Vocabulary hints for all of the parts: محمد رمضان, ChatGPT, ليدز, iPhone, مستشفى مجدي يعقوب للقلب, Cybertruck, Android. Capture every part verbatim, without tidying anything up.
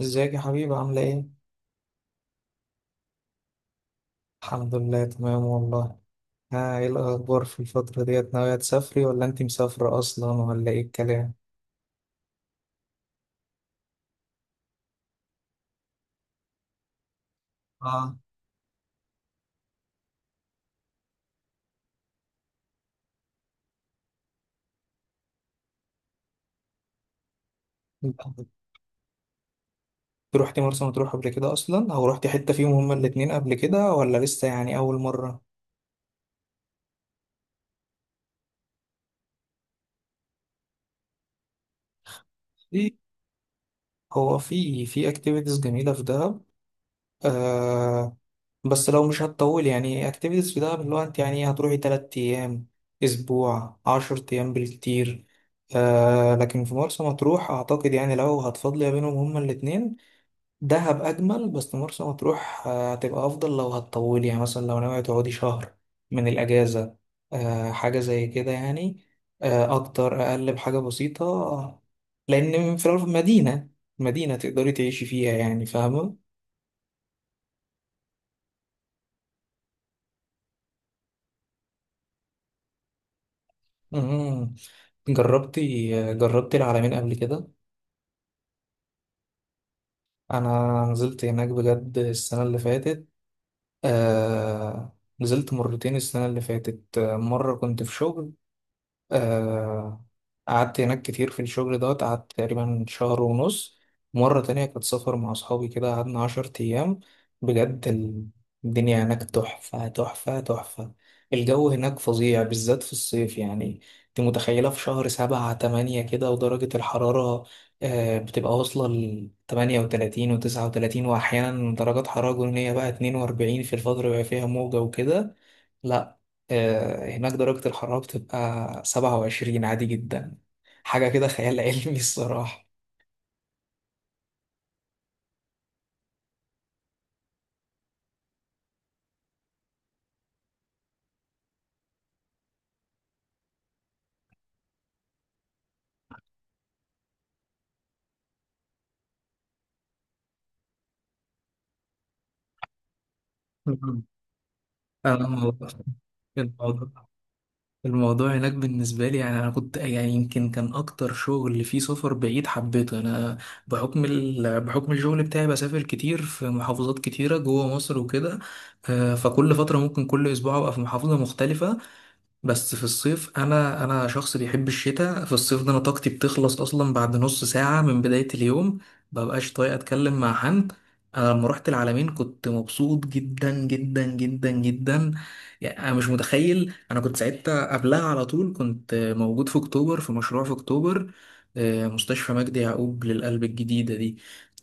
ازيك يا حبيبي؟ عاملة ايه؟ الحمد لله، تمام والله. ها ايه الأخبار في الفترة ديت؟ ناوية تسافري ولا انت مسافرة أصلا ولا ايه الكلام؟ اه. انت روحتي مرسى مطروح قبل كده أصلا، أو روحتي حتة فيهم هما الاتنين قبل كده، ولا لسه يعني أول مرة؟ إيه؟ هو في في اكتيفيتيز جميلة في دهب. آه، بس لو مش هتطول يعني اكتيفيتيز في دهب، اللي هو انت يعني هتروحي تلات أيام، أسبوع، عشر أيام بالكتير. آه، لكن في مرسى مطروح أعتقد يعني لو هتفضلي بينهم هما الاتنين، دهب أجمل، بس مرسى مطروح آه، هتبقى أفضل لو هتطولي، يعني مثلا لو ناوية تقعدي شهر من الأجازة. آه حاجة زي كده يعني. آه، أكتر أقل بحاجة بسيطة. لأن في الأول مدينة، مدينة تقدري تعيشي فيها يعني، فاهمة. مم. جربتي جربتي العلمين قبل كده؟ انا نزلت هناك بجد السنه اللي فاتت. آه... نزلت مرتين السنه اللي فاتت، آه، مره كنت في شغل. آه، قعدت هناك كتير في الشغل دوت، قعدت تقريبا شهر ونص. مرة تانية كنت سافر مع أصحابي كده، قعدنا عشر أيام. بجد ال- الدنيا هناك تحفة، تحفة، تحفة. الجو هناك فظيع بالذات في الصيف يعني. أنت متخيلة في شهر سبعة تمانية كده ودرجة الحرارة؟ آه، بتبقى واصلة لتمانية وتلاتين وتسعة وتلاتين، وأحيانا درجات حرارة جنونية بقى، اتنين وأربعين في الفترة اللي بيبقى فيها موجة وكده. لا. آه، هناك درجة الحرارة بتبقى سبعة وعشرين عادي جدا. حاجة كده خيال علمي الصراحة. مم. أنا الموضوع الموضوع الموضوع هناك بالنسبة لي يعني، أنا كنت يعني، يمكن كان أكتر شغل فيه سفر بعيد حبيته أنا، بحكم ال... بحكم الشغل بتاعي، بسافر كتير في محافظات كتيرة جوه مصر وكده. آه، فكل فترة ممكن كل أسبوع أبقى في محافظة مختلفة. بس في الصيف، انا انا شخص بيحب الشتاء. في الصيف ده انا طاقتي بتخلص اصلا بعد نص ساعة من بداية اليوم. مببقاش طايق اتكلم مع حد. انا لما رحت العلمين كنت مبسوط جدا جدا جدا جدا. يعني انا مش متخيل، انا كنت ساعتها قبلها على طول كنت موجود في اكتوبر، في مشروع في اكتوبر، آه، مستشفى مجدي يعقوب للقلب الجديدة دي.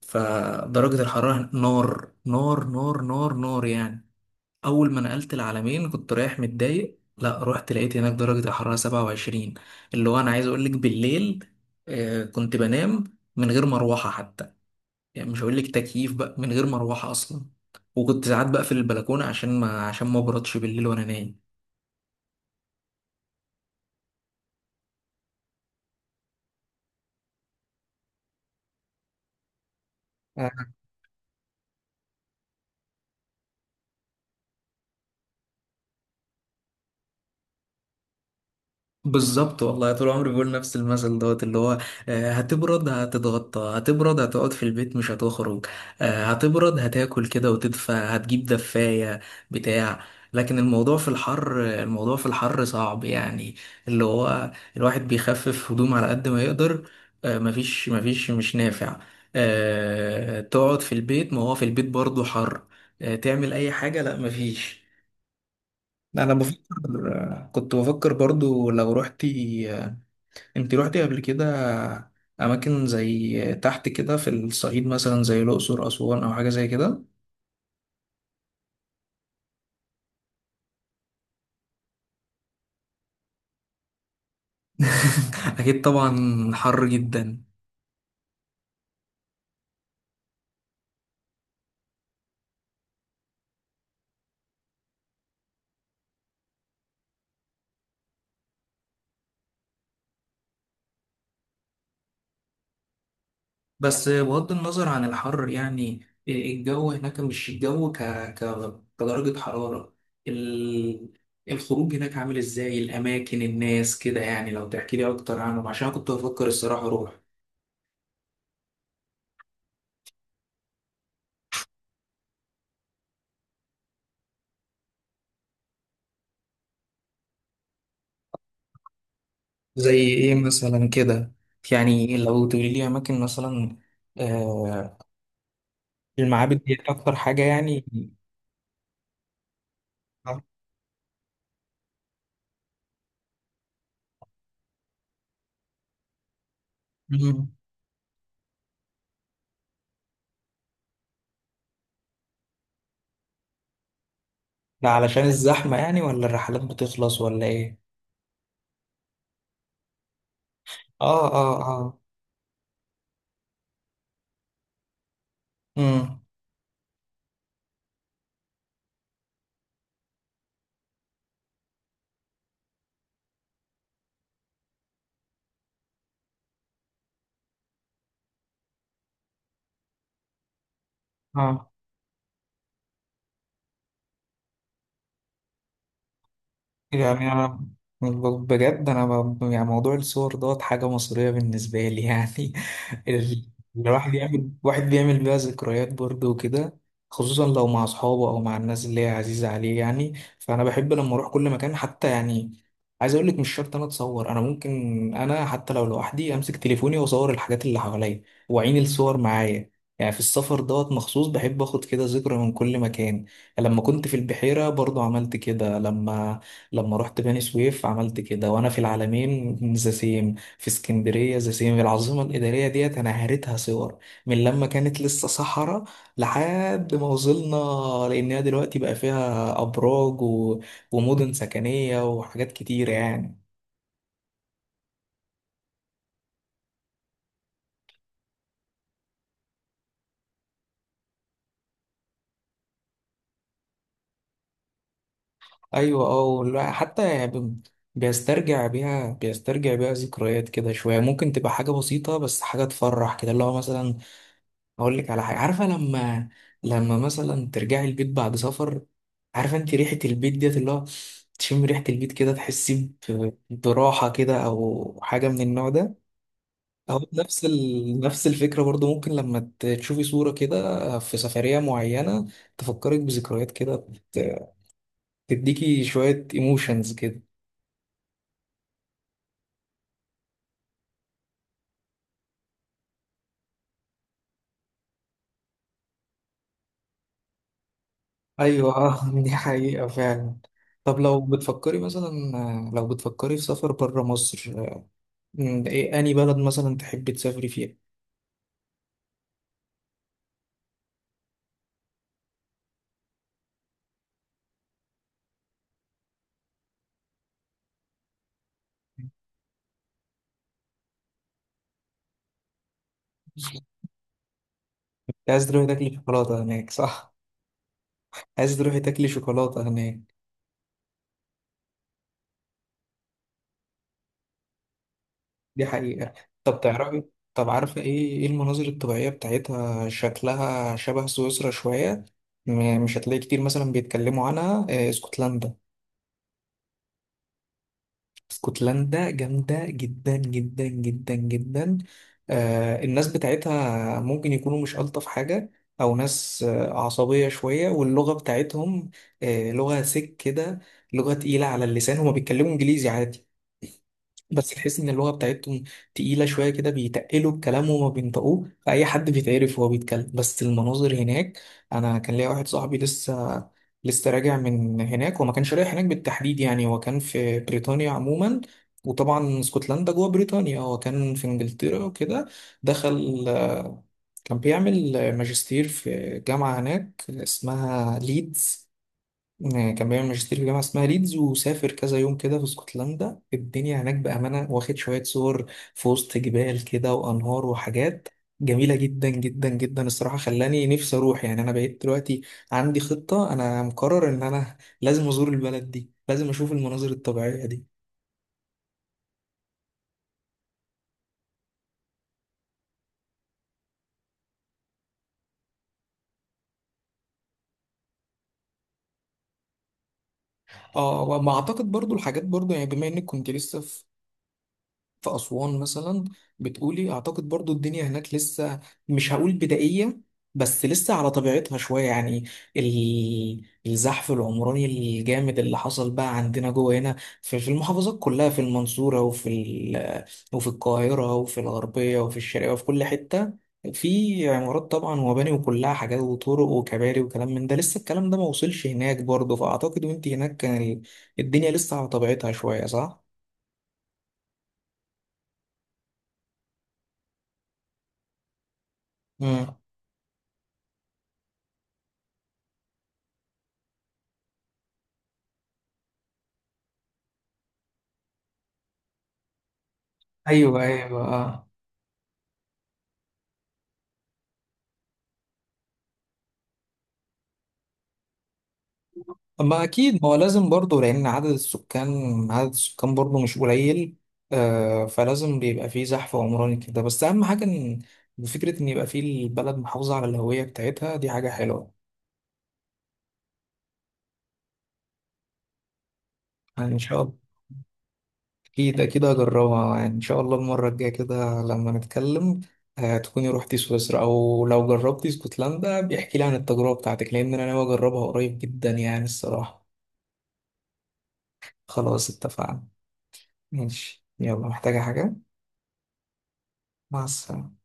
فدرجة الحرارة نار نار نار نار نار يعني. اول ما نقلت العالمين كنت رايح متضايق، لا رحت لقيت هناك درجة الحرارة سبعة وعشرين. اللي هو انا عايز اقول لك، بالليل آه، كنت بنام من غير مروحة حتى. يعني مش هقول لك تكييف بقى، من غير مروحة اصلا. وكنت ساعات بقفل البلكونة عشان ما عشان ما ابردش بالليل وانا نايم. بالظبط والله، طول عمري بقول نفس المثل دوت، اللي هو آه، هتبرد هتتغطى، هتبرد هتقعد في البيت مش هتخرج، آه، هتبرد هتاكل كده وتدفى، هتجيب دفاية بتاع. لكن الموضوع في الحر، الموضوع في الحر صعب يعني، اللي هو الواحد بيخفف هدوم على قد ما يقدر، آه، مفيش مفيش مش نافع. آه، تقعد في البيت، ما هو في البيت برضه حر. آه، تعمل أي حاجة، لا مفيش. أنا بفكر، كنت بفكر برضو لو رحت، انت روحتي قبل كده اماكن زي تحت كده في الصعيد، مثلا زي الاقصر، اسوان، او حاجه زي كده؟ اكيد طبعا، حر جدا. بس بغض النظر عن الحر يعني، الجو هناك مش الجو ك... ك... كدرجه حراره، ال... الخروج هناك عامل ازاي، الاماكن، الناس كده يعني، لو تحكي لي اكتر عنهم، عشان كنت بفكر الصراحه اروح. زي ايه مثلا كده؟ يعني لو تقولي لي اماكن مثلا، المعابد دي أكتر حاجة يعني. مم. ده علشان الزحمة يعني، ولا الرحلات بتخلص، ولا إيه؟ آه آه آه. مم. آه. يعني أنا ب- بجد أنا ب- يعني، موضوع الصور دوت حاجة مصرية بالنسبة لي يعني. ال- يعني الواحد بيعمل، واحد بيعمل بيها ذكريات برضه وكده، خصوصا لو مع أصحابه أو مع الناس اللي هي عزيزة عليه يعني. فأنا بحب لما أروح كل مكان حتى يعني، عايز أقول لك مش شرط أنا أتصور، أنا ممكن، أنا حتى لو لوحدي أمسك تليفوني وأصور الحاجات اللي حواليا وأعين الصور معايا. يعني في السفر دوت مخصوص بحب اخد كده ذكرى من كل مكان. لما كنت في البحيرة برضو عملت كده، لما لما رحت بني سويف عملت كده، وانا في العالمين ذا سيم، في اسكندريه ذا سيم، العاصمه الاداريه ديت انا هريتها صور، من لما كانت لسه صحراء لحد ما وصلنا، لانها دلوقتي بقى فيها ابراج و... ومدن سكنيه وحاجات كتيره يعني. ايوه اه، والواحد حتى يعني بي- بيسترجع بيها، بيسترجع بيها ذكريات كده شويه، ممكن تبقى حاجه بسيطه، بس حاجه تفرح كده، اللي هو مثلا اقول لك على حاجه، عارفه لما، لما مثلا ترجعي البيت بعد سفر، عارفه انت ريحه البيت ديت، اللي هو تشم ريحه البيت كده، تحسي ب- براحه كده او حاجه من النوع ده. او نفس ال... نفس الفكره برضو، ممكن لما ت- تشوفي صوره كده في سفريه معينه، تفكرك بذكريات كده، ت- تديكي شويه ايموشنز كده. ايوه آه، دي حقيقه فعلا. طب لو بتفكري مثلا، لو بتفكري في سفر بره مصر، مم، إيه أنهي بلد مثلا تحب تسافري فيها؟ أنت عايز تروحي تاكلي شوكولاتة هناك صح؟ عايز تروحي تاكلي شوكولاتة هناك. دي حقيقة. طب تعرفي، طب عارفة إيه، إيه المناظر الطبيعية بتاعتها شكلها شبه سويسرا شوية، م- مش هتلاقي كتير مثلا بيتكلموا عنها، آه، اسكتلندا. اسكتلندا جامدة جدا جدا جدا جدا. آه الناس بتاعتها ممكن يكونوا مش ألطف حاجة، أو ناس آه عصبية شوية، واللغة بتاعتهم آه لغة سك كده، لغة تقيلة على اللسان. هما بيتكلموا إنجليزي عادي، بس تحس ان اللغه بتاعتهم تقيله شويه كده، بيتقلوا الكلام وما بينطقوه، فاي حد بيتعرف وهو بيتكلم. بس المناظر هناك، انا كان ليا واحد صاحبي لسه لسه راجع من هناك، وما كانش رايح هناك بالتحديد يعني، هو كان في بريطانيا عموما، وطبعا اسكتلندا جوه بريطانيا، هو كان في انجلترا وكده، دخل آه، كان بيعمل ماجستير في جامعه هناك اسمها ليدز، آه، كان بيعمل ماجستير في جامعة اسمها ليدز وسافر كذا يوم كده في اسكتلندا. الدنيا هناك بأمانة، واخد شوية صور في وسط جبال كده وأنهار وحاجات جميلة جدا جدا جدا الصراحة، خلاني نفسي أروح يعني. أنا بقيت دلوقتي عندي خطة، أنا مقرر إن أنا لازم أزور البلد دي، لازم أشوف المناظر الطبيعية دي. اه وما أعتقد برضو الحاجات برضو يعني، بما إنك كنت لسه في أسوان مثلا، بتقولي. أعتقد برضو الدنيا هناك لسه، مش هقول بدائية، بس لسه على طبيعتها شوية يعني. ال- الزحف العمراني الجامد اللي حصل بقى عندنا جوه هنا، في في المحافظات كلها، في المنصورة وفي ال- وفي القاهرة وفي الغربية وفي الشرقية وفي كل حتة، في عمارات طبعا ومباني وكلها حاجات وطرق وكباري وكلام من ده، لسه الكلام ده ما وصلش هناك برضه. فأعتقد وانت هناك كان ال- الدنيا لسه على طبيعتها شوية، صح؟ مم. ايوه ايوه اه. اما اكيد، ما هو لازم برضه، لان عدد السكان عدد السكان برضه مش قليل. آه فلازم بيبقى فيه زحف عمراني كده، بس اهم حاجه ان، فكره ان يبقى فيه البلد محافظه على الهويه بتاعتها، دي حاجه حلوه يعني. ان شاء الله. اكيد اكيد هجربها، يعني ان شاء الله المره الجايه كده لما نتكلم، آه تكوني روحتي سويسرا، او لو جربتي اسكتلندا بيحكي لي عن التجربه بتاعتك، لان انا ناوي اجربها قريب جدا يعني الصراحه. خلاص اتفقنا. ماشي، يلا، محتاجه حاجه؟ مع السلامة.